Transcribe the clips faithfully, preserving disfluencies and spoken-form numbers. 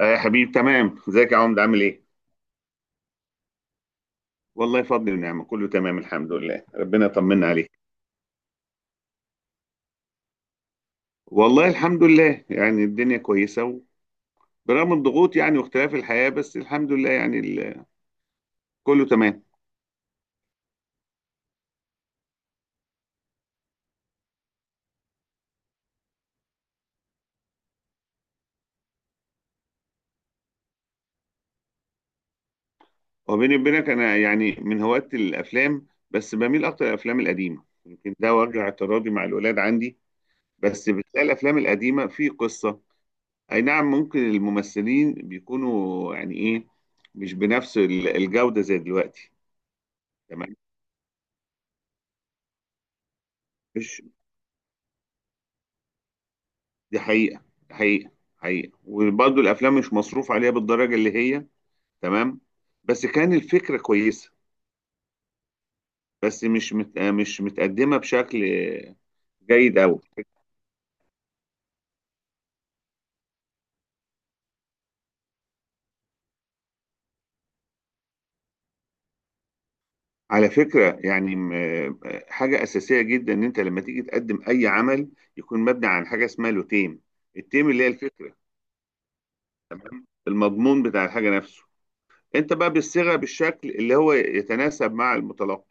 آه يا حبيب، تمام. ازيك يا عمد؟ عامل ايه؟ والله فضل ونعمة، كله تمام الحمد لله. ربنا يطمنا عليك. والله الحمد لله، يعني الدنيا كويسة برغم الضغوط، يعني واختلاف الحياة، بس الحمد لله يعني ال- كله تمام. وبيني وبينك انا يعني من هواة الافلام، بس بميل اكتر للافلام القديمة، يمكن ده وجه اعتراضي مع الولاد عندي. بس بتلاقي الافلام القديمة في قصة. اي نعم، ممكن الممثلين بيكونوا يعني ايه مش بنفس ال- الجودة زي دلوقتي. تمام. دي حقيقة. حقيقة. حقيقة. وبرضه الأفلام مش مصروف عليها بالدرجة اللي هي تمام، بس كان الفكرة كويسة، بس مش مت... مش متقدمة بشكل جيد أوي. على فكرة يعني م- حاجة أساسية جدا إن أنت لما تيجي تقدم أي عمل يكون مبني عن حاجة اسمها له تيم. التيم اللي هي الفكرة، المضمون بتاع الحاجة نفسه. أنت بقى بالصيغة بالشكل اللي هو يتناسب مع المتلقي.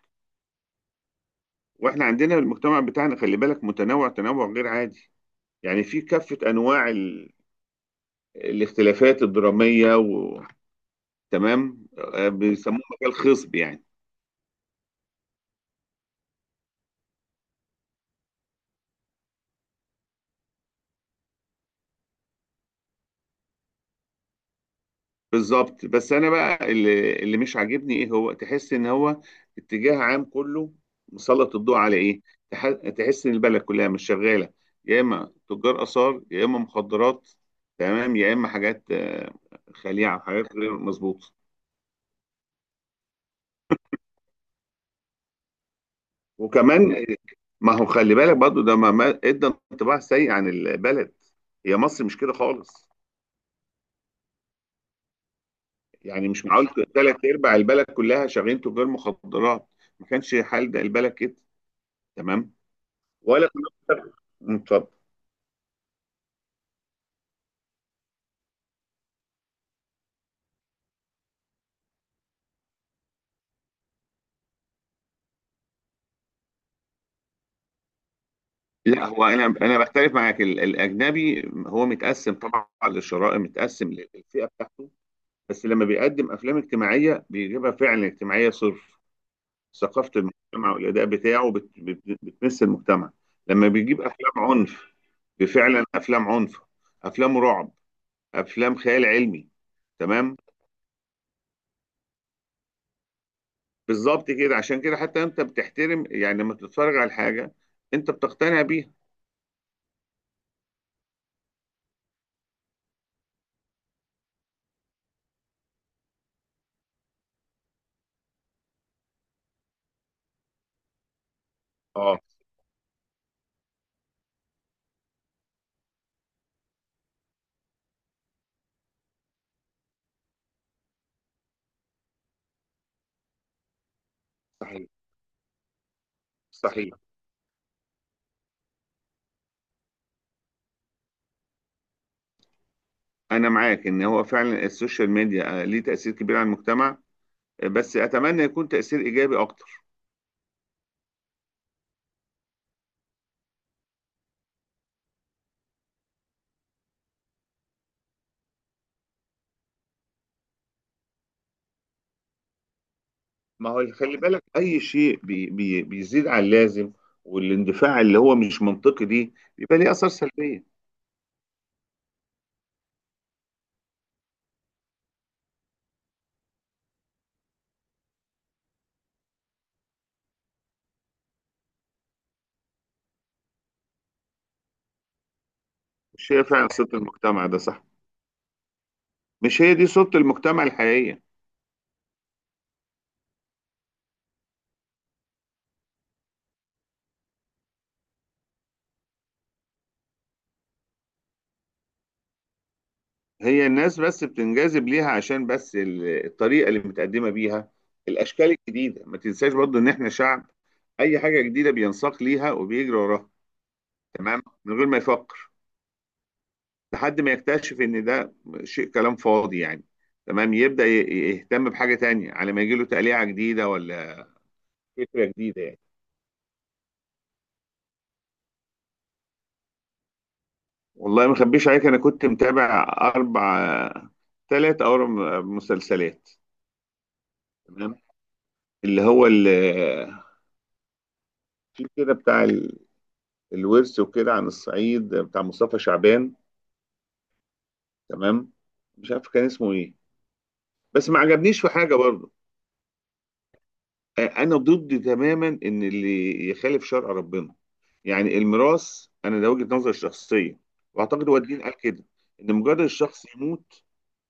وإحنا عندنا المجتمع بتاعنا، خلي بالك، متنوع تنوع غير عادي. يعني في كافة أنواع ال... الاختلافات الدرامية و... تمام. آه، بيسموه مجال خصب يعني. بالظبط. بس أنا بقى اللي, اللي مش عاجبني إيه، هو تحس إن هو اتجاه عام كله مسلط الضوء على إيه؟ تح... تحس إن البلد كلها مش شغالة، يا إما تجار آثار، يا إما مخدرات. تمام. يا إما حاجات آه، خليعة، حاجات غير مظبوطة. وكمان ما هو خلي بالك برضه، ده ما ما- ادى انطباع سيء عن البلد. هي مصر مش كده خالص. يعني مش معقول ثلاث ارباع البلد كلها شغالين تجار مخدرات. ما كانش حال ده البلد كده. تمام. ولا كنا. مم، اتفضل. لا، هو انا انا بختلف معاك. ال- الاجنبي هو متقسم طبعا للشرائح، متقسم للفئه بتاعته. بس لما بيقدم افلام اجتماعيه بيجيبها فعلا اجتماعيه صرف. ثقافه المجتمع والاداء بتاعه بت... بت... بتمس المجتمع. لما بيجيب افلام عنف، بفعلا افلام عنف، افلام رعب، افلام خيال علمي. تمام. بالظبط كده، عشان كده حتى انت بتحترم يعني لما بتتفرج على الحاجه، انت بتقتنع بيها. اه، صحيح، صحيح. انا معاك ان هو فعلا السوشيال ميديا آه، ليه تاثير كبير على المجتمع. آه، بس اتمنى يكون تاثير ايجابي اكتر. ما هو خلي الفكرة بالك، اي شيء بي بي بيزيد عن اللازم والاندفاع اللي هو مش منطقي دي بيبقى ليه اثار سلبيه. مش هي فعلا صوت المجتمع ده؟ صح، مش هي دي صوت المجتمع الحقيقيه. هي الناس بس بتنجذب ليها عشان بس ال- الطريقة اللي متقدمة بيها، الأشكال الجديدة. ما تنساش برضو إن إحنا شعب أي حاجة جديدة بينساق ليها وبيجري وراها. تمام. من غير ما يفكر، لحد ما يكتشف إن ده شيء كلام فاضي يعني. تمام. يبدأ ي- يهتم بحاجة تانية على ما يجيله تقليعة جديدة ولا فكرة جديدة يعني. والله ما أخبيش عليك، أنا كنت متابع أربع ثلاث أو أربع مسلسلات. تمام. اللي هو ال- في كده بتاع الورث وكده عن الصعيد بتاع مصطفى شعبان. تمام. مش عارف كان اسمه ايه، بس ما عجبنيش في حاجه برضه. آه، انا ضد تماما ان اللي يخالف شرع ربنا، يعني الميراث. انا ده وجهه نظري الشخصيه، واعتقد هو الدين قال كده. ان مجرد الشخص يموت،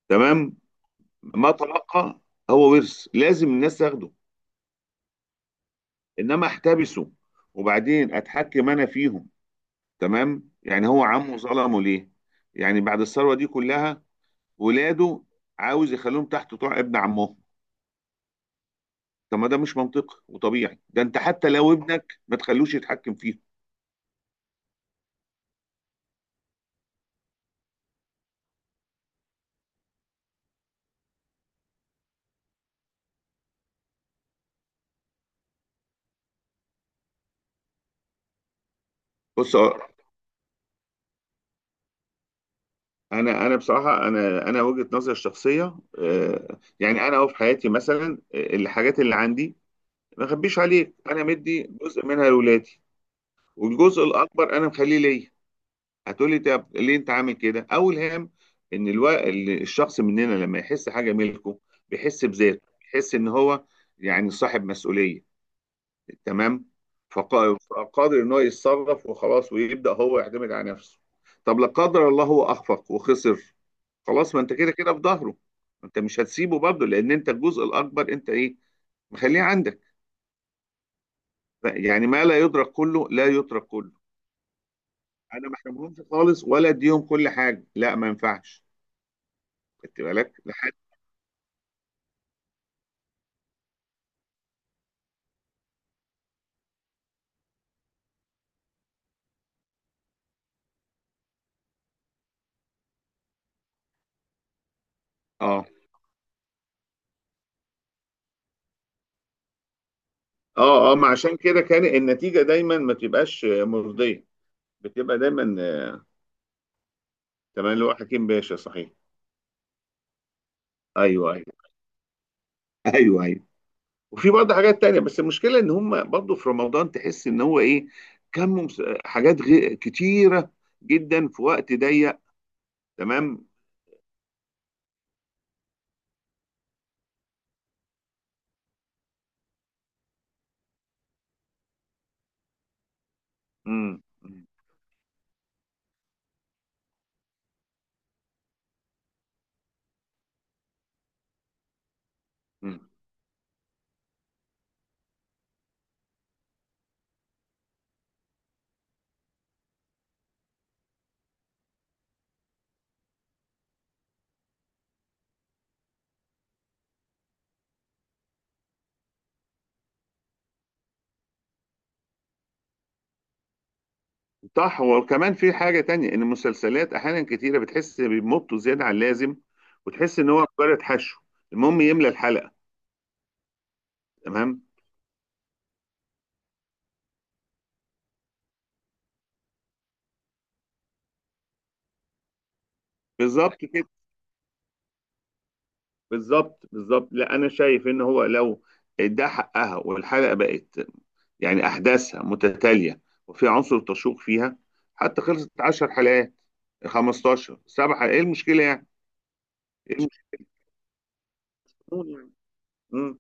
تمام، ما تلقى هو ورث لازم الناس تاخده، انما احتبسه وبعدين اتحكم انا فيهم. تمام. يعني هو عمه ظلمه ليه؟ يعني بعد الثروه دي كلها، ولاده عاوز يخليهم تحت طاع ابن عمهم؟ طب ما ده مش منطقي وطبيعي، ده انت حتى لو ابنك ما تخلوش يتحكم فيه. بص، آه، انا، انا بصراحه، انا انا وجهه نظري الشخصيه، آه، يعني انا أهو في حياتي مثلا، آه، الحاجات اللي عندي، ما اخبيش عليك، انا مدي جزء منها لاولادي والجزء الاكبر انا مخليه ليا. هتقولي طب ليه انت عامل كده؟ اول هام ان الو... الشخص مننا لما يحس حاجه ملكه، بيحس بذاته، بيحس ان هو يعني صاحب مسؤوليه. تمام. فق- فقادر ان هو يتصرف وخلاص، ويبدا هو يعتمد على نفسه. طب لا قدر الله هو اخفق وخسر؟ خلاص، ما انت كده كده في ظهره، انت مش هتسيبه برضه، لان انت الجزء الاكبر انت ايه، مخليه عندك. ف- يعني ما لا يدرك كله لا يترك كله. انا ما احرمهمش خالص ولا اديهم كل حاجه، لا ما ينفعش. خدت بالك لحد؟ اه، اه، اه. ما عشان كده كان النتيجه دايما ما تبقاش مرضيه، بتبقى دايما آه، تمام، اللي هو حكيم باشا صحيح. ايوه، ايوه. ايوه، ايوه. وفي برضه حاجات تانية، بس المشكلة إن هم برضه في رمضان تحس إن هو إيه، كم مس- حاجات غي- كتيرة جدا في وقت ضيق. تمام. مم. مم. مم. صح. وكمان في حاجة تانية، إن المسلسلات أحيانا كتيرة بتحس بيمطوا زيادة عن اللازم، وتحس إن هو مجرد حشو، المهم يملى الحلقة. تمام. بالظبط كده. بالظبط بالظبط لا، أنا شايف إن هو لو ده حقها، والحلقة بقت يعني أحداثها متتالية وفي عنصر تشوق فيها، حتى خلصت عشر حلقات، خمستاشر، سبع حلقات، إيه المشكلة يعني؟ إيه المشكلة يعني؟ مم.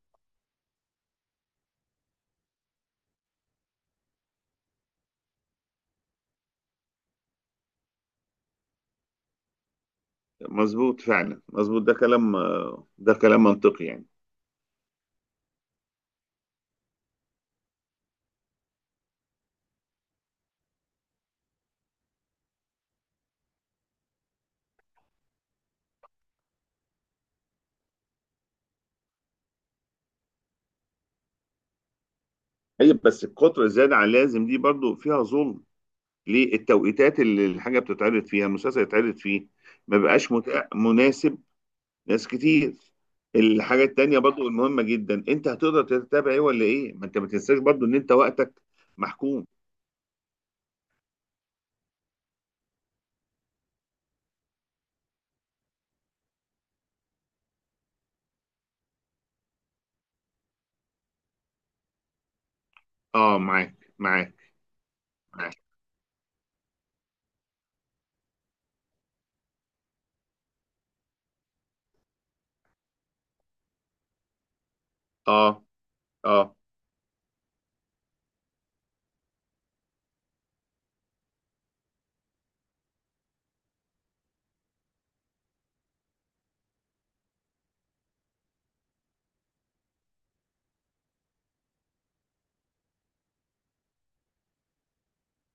مظبوط، فعلا مظبوط. ده كلام، ده كلام منطقي يعني. طيب بس القطر الزيادة عن اللازم دي برضو فيها ظلم، ليه التوقيتات اللي الحاجة بتتعرض فيها، المسلسل يتعرض فيه، ما بقاش متاح مناسب ناس كتير. الحاجة التانية برضو المهمة جدا، انت هتقدر تتابع ايه ولا ايه، ما انت ما تنساش برضو ان انت وقتك محكوم. اه، معاك، معاك معاك اه، اه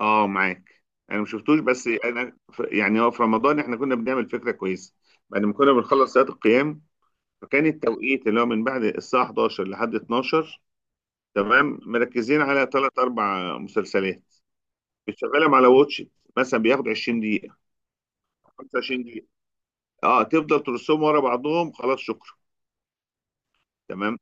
اه معاك. انا ما شفتوش، بس انا ف- يعني هو في رمضان احنا كنا بنعمل فكره كويسه، بعد ما كنا بنخلص صلاه القيام، فكان التوقيت اللي هو من بعد الساعه احد عشر لحد اتناشر. تمام. مركزين على ثلاث اربع مسلسلات، بتشغلهم على واتش إت. مثلا بياخد عشرين دقيقه، خمسة وعشرين دقيقه، اه تفضل ترسهم ورا بعضهم خلاص، شكرا. تمام.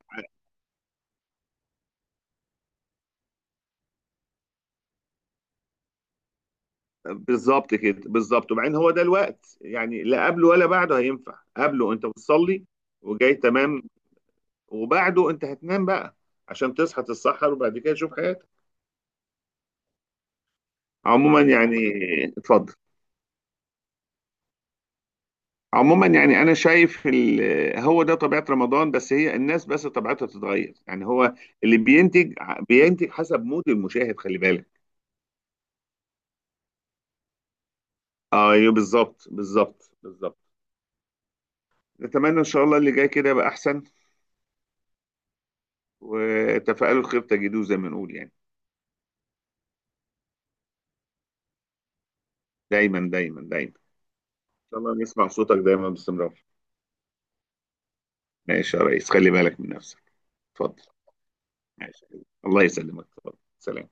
بالظبط كده، بالظبط. وبعدين هو ده الوقت يعني، لا قبله ولا بعده هينفع، قبله انت بتصلي وجاي. تمام. وبعده انت هتنام بقى عشان تصحى تتسحر وبعد كده تشوف حياتك. عموما يعني. اتفضل. عموما يعني انا شايف ال... هو ده طبيعة رمضان، بس هي الناس بس طبيعتها بتتغير يعني. هو اللي بينتج بينتج حسب مود المشاهد، خلي بالك. ايوه، بالظبط بالظبط بالظبط. نتمنى ان شاء الله اللي جاي كده يبقى احسن، وتفاءلوا الخير تجدوه زي ما نقول يعني. دايما، دايما، دايما. ان شاء الله نسمع صوتك دايما باستمرار. ماشي يا ريس، خلي بالك من نفسك. اتفضل. ماشي. الله يسلمك، اتفضل، سلام.